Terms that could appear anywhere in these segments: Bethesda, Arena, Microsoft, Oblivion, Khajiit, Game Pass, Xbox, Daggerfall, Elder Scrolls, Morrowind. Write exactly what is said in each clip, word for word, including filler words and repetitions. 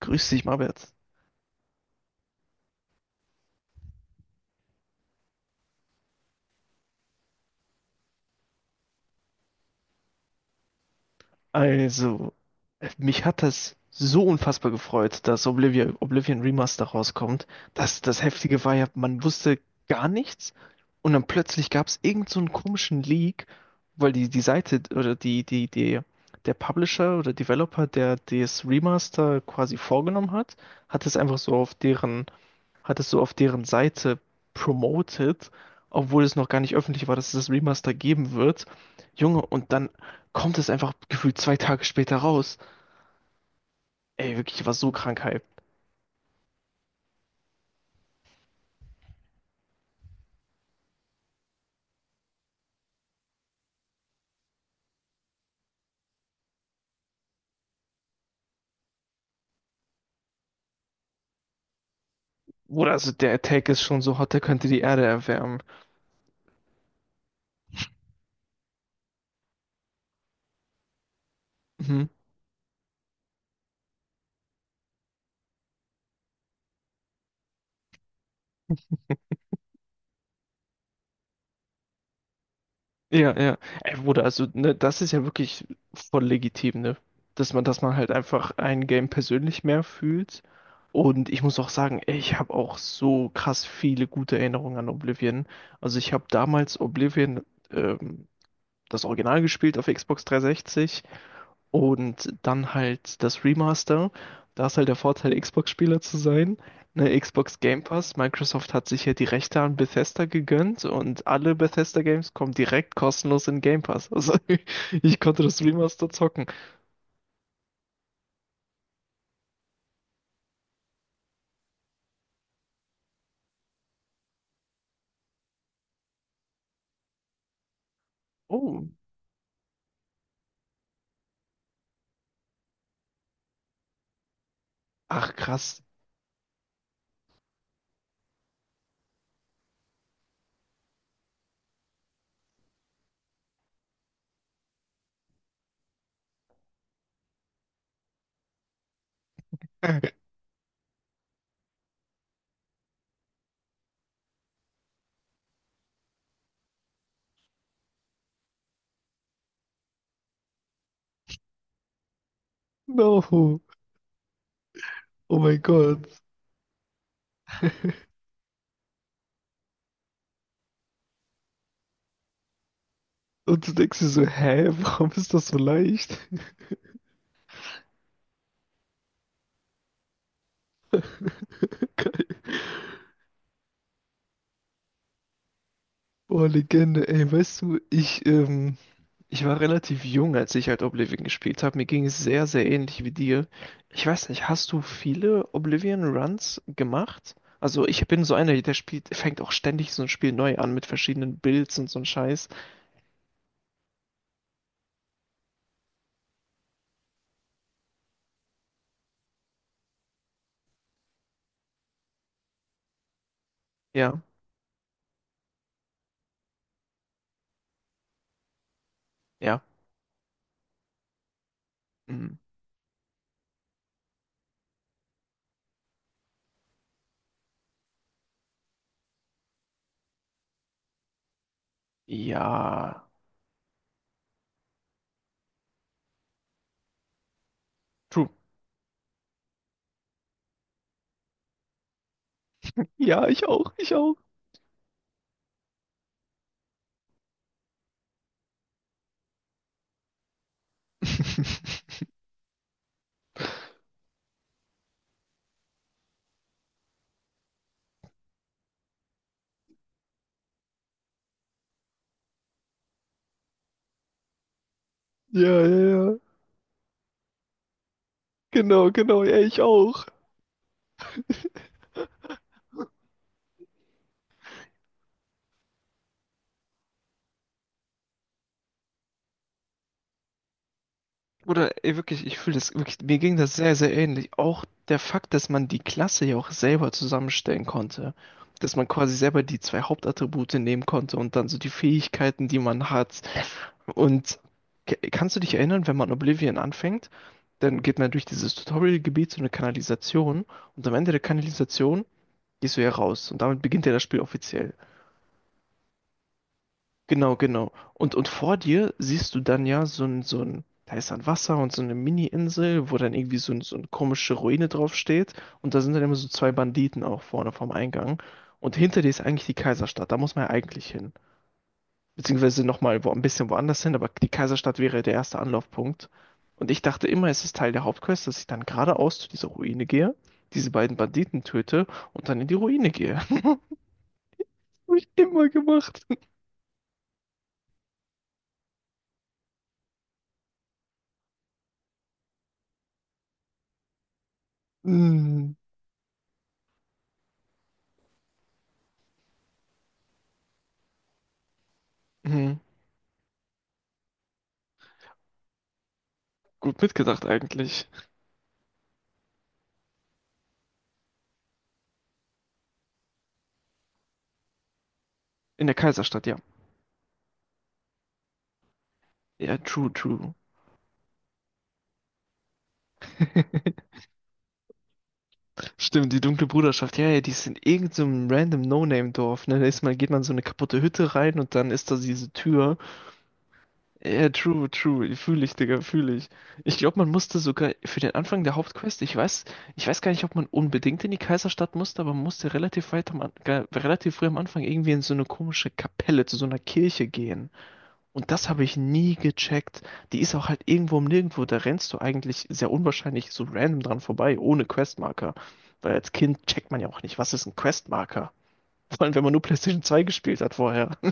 Grüß dich, Marbert. Also, äh, mich hat das so unfassbar gefreut, dass Oblivion, Oblivion Remaster rauskommt. Das, das Heftige war ja, man wusste gar nichts und dann plötzlich gab es irgend so einen komischen Leak, weil die, die Seite oder die, die, die, der Publisher oder Developer, der das Remaster quasi vorgenommen hat, hat es einfach so auf deren hat es so auf deren Seite promoted, obwohl es noch gar nicht öffentlich war, dass es das Remaster geben wird. Junge, und dann kommt es einfach gefühlt zwei Tage später raus. Ey, wirklich, ich war so krank hyped. Oder also der Attack ist schon so hot, der könnte die Erde erwärmen. Mhm. Ja, ja. Ey, Bruder, also ne, das ist ja wirklich voll legitim, ne? Dass man, dass man halt einfach ein Game persönlich mehr fühlt. Und ich muss auch sagen, ey, ich habe auch so krass viele gute Erinnerungen an Oblivion. Also ich habe damals Oblivion, ähm, das Original gespielt auf Xbox dreihundertsechzig. Und dann halt das Remaster. Da ist halt der Vorteil, Xbox-Spieler zu sein. Ne, Xbox Game Pass. Microsoft hat sich ja die Rechte an Bethesda gegönnt und alle Bethesda-Games kommen direkt kostenlos in Game Pass. Also ich konnte das Remaster zocken. Oh, ach krass. No, oh mein Gott. Und du denkst dir so, hä, warum ist das so leicht? Boah, Legende, ey, weißt du, ich, ähm, ich war relativ jung, als ich halt Oblivion gespielt habe. Mir ging es sehr, sehr ähnlich wie dir. Ich weiß nicht, hast du viele Oblivion-Runs gemacht? Also ich bin so einer, der spielt, fängt auch ständig so ein Spiel neu an mit verschiedenen Builds und so ein Scheiß. Ja, ja, mm, ja, true. Ja, ich auch, ich auch. Ja, ja, ja, genau, genau, ja, ich auch. Oder ey, wirklich, ich fühle das wirklich, mir ging das sehr, sehr ähnlich. Auch der Fakt, dass man die Klasse ja auch selber zusammenstellen konnte. Dass man quasi selber die zwei Hauptattribute nehmen konnte und dann so die Fähigkeiten, die man hat. Und k- kannst du dich erinnern, wenn man Oblivion anfängt, dann geht man durch dieses Tutorial-Gebiet zu einer Kanalisation und am Ende der Kanalisation gehst du ja raus und damit beginnt ja das Spiel offiziell. Genau, genau. Und, und vor dir siehst du dann ja so ein, so ein, da ist dann Wasser und so eine Mini-Insel, wo dann irgendwie so, ein, so eine komische Ruine drauf steht. Und da sind dann immer so zwei Banditen auch vorne vom Eingang. Und hinter dir ist eigentlich die Kaiserstadt. Da muss man ja eigentlich hin. Beziehungsweise nochmal wo, ein bisschen woanders hin, aber die Kaiserstadt wäre der erste Anlaufpunkt. Und ich dachte immer, es ist Teil der Hauptquest, dass ich dann geradeaus zu dieser Ruine gehe, diese beiden Banditen töte und dann in die Ruine gehe. Hab ich immer gemacht. Mm. Gut mitgedacht eigentlich. In der Kaiserstadt, ja. Ja, true, true. Stimmt, die dunkle Bruderschaft. Ja, ja, die ist in irgendeinem random No-Name-Dorf. Ne? Da ist man, geht man in so eine kaputte Hütte rein und dann ist da diese Tür. Ja, true, true. Fühle ich, Digga, fühle ich. Ich glaube, man musste sogar für den Anfang der Hauptquest, ich weiß, ich weiß gar nicht, ob man unbedingt in die Kaiserstadt musste, aber man musste relativ weit am, An- ge- relativ früh am Anfang irgendwie in so eine komische Kapelle, zu so einer Kirche gehen. Und das habe ich nie gecheckt. Die ist auch halt irgendwo um Nirgendwo. Da rennst du eigentlich sehr unwahrscheinlich so random dran vorbei, ohne Questmarker. Weil als Kind checkt man ja auch nicht, was ist ein Questmarker? Vor allem, wenn man nur PlayStation zwei gespielt hat vorher.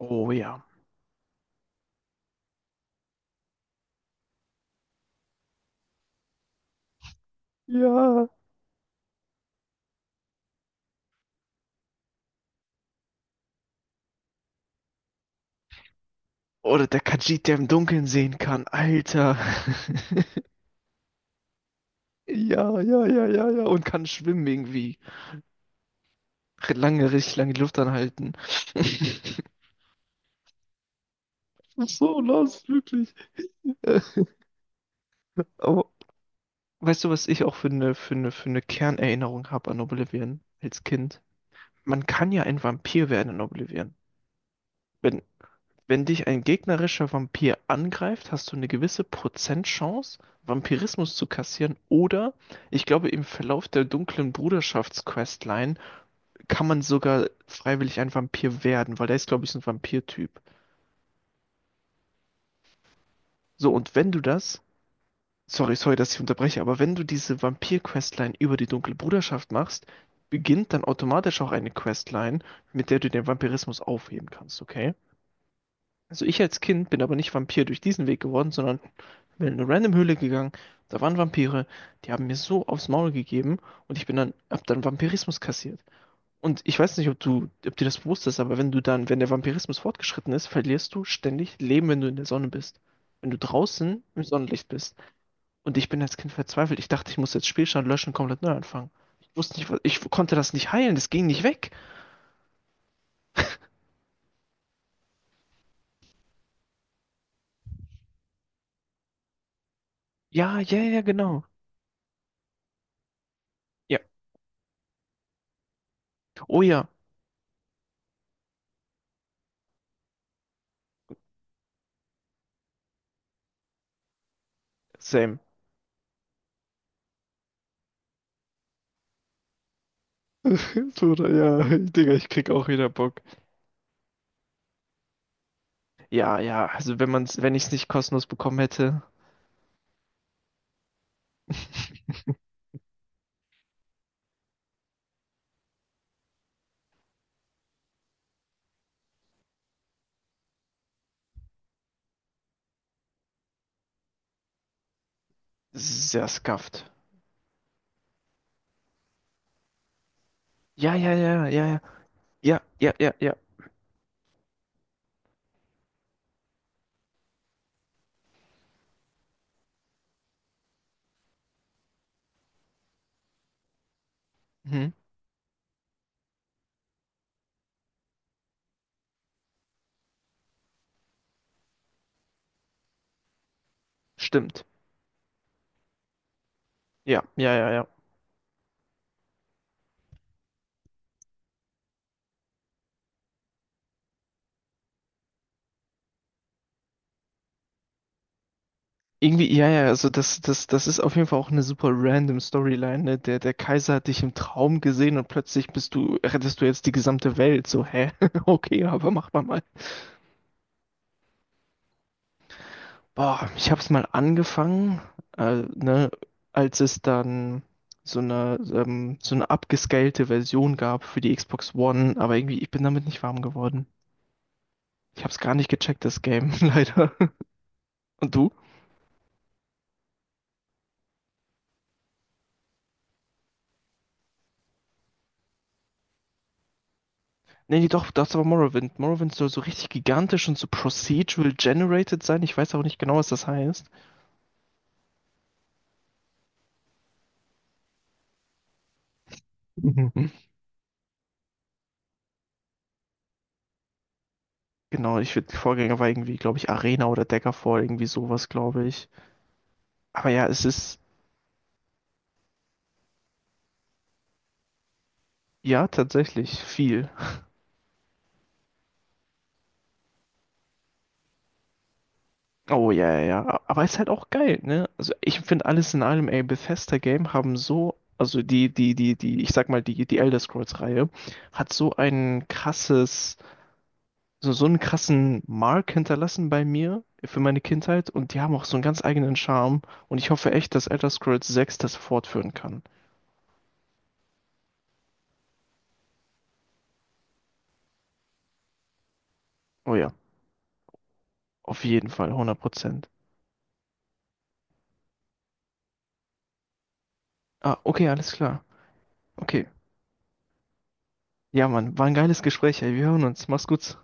Oh ja. Ja, oder der Khajiit, der im Dunkeln sehen kann. Alter. Ja, ja, ja, ja, ja. Und kann schwimmen irgendwie. Lange, richtig lange die Luft anhalten. So los, wirklich. Äh, Aber weißt du, was ich auch für eine, für eine, für eine Kernerinnerung habe an Oblivion als Kind? Man kann ja ein Vampir werden in Oblivion. Wenn, wenn dich ein gegnerischer Vampir angreift, hast du eine gewisse Prozentchance, Vampirismus zu kassieren. Oder, ich glaube, im Verlauf der dunklen Bruderschaftsquestline kann man sogar freiwillig ein Vampir werden, weil der ist, glaube ich, so ein Vampirtyp. So, und wenn du das Sorry, sorry, dass ich unterbreche, aber wenn du diese Vampir-Questline über die Dunkle Bruderschaft machst, beginnt dann automatisch auch eine Questline, mit der du den Vampirismus aufheben kannst, okay? Also ich als Kind bin aber nicht Vampir durch diesen Weg geworden, sondern bin in eine random Höhle gegangen, da waren Vampire, die haben mir so aufs Maul gegeben und ich bin dann, hab dann Vampirismus kassiert. Und ich weiß nicht, ob du, ob dir das bewusst ist, aber wenn du dann, wenn der Vampirismus fortgeschritten ist, verlierst du ständig Leben, wenn du in der Sonne bist. Wenn du draußen im Sonnenlicht bist. Und ich bin als Kind verzweifelt. Ich dachte, ich muss jetzt Spielstand löschen, komplett neu anfangen. Ich wusste nicht, was, ich konnte das nicht heilen, das ging nicht weg. Ja, ja, ja, genau. Ja. Oh ja, same. So, ja, Digga, ich krieg auch wieder Bock. Ja, ja, also wenn man's, wenn ich's nicht kostenlos bekommen hätte, sehr scuffed. Ja, ja, ja, ja, ja, ja, ja, ja, ja. Mhm. Stimmt. Ja, ja, ja, ja. Irgendwie, ja, ja, also das, das, das ist auf jeden Fall auch eine super random Storyline, ne? Der, der Kaiser hat dich im Traum gesehen und plötzlich bist du, rettest du jetzt die gesamte Welt. So, hä? Okay, aber mach mal mal. Boah, ich hab's mal angefangen, äh, ne, als es dann so eine, ähm, so eine abgescalte Version gab für die Xbox One, aber irgendwie, ich bin damit nicht warm geworden. Ich hab's gar nicht gecheckt, das Game, leider. Und du? Nee, nee, doch, das ist aber Morrowind. Morrowind soll so richtig gigantisch und so procedural generated sein. Ich weiß auch nicht genau, was das heißt. Mhm. Genau, ich würde, Vorgänger war irgendwie, glaube ich, Arena oder Daggerfall, irgendwie sowas, glaube ich. Aber ja, es ist, ja, tatsächlich viel. Oh, ja, ja, ja. Aber ist halt auch geil, ne? Also, ich finde alles in allem, ey, Bethesda-Game haben so, also die, die, die, die, ich sag mal, die, die Elder Scrolls-Reihe hat so ein krasses so, so einen krassen Mark hinterlassen bei mir für meine Kindheit und die haben auch so einen ganz eigenen Charme und ich hoffe echt, dass Elder Scrolls sechs das fortführen kann. Oh ja, auf jeden Fall, hundert Prozent. Ah, okay, alles klar. Okay. Ja, Mann, war ein geiles Gespräch, ey. Wir hören uns. Mach's gut.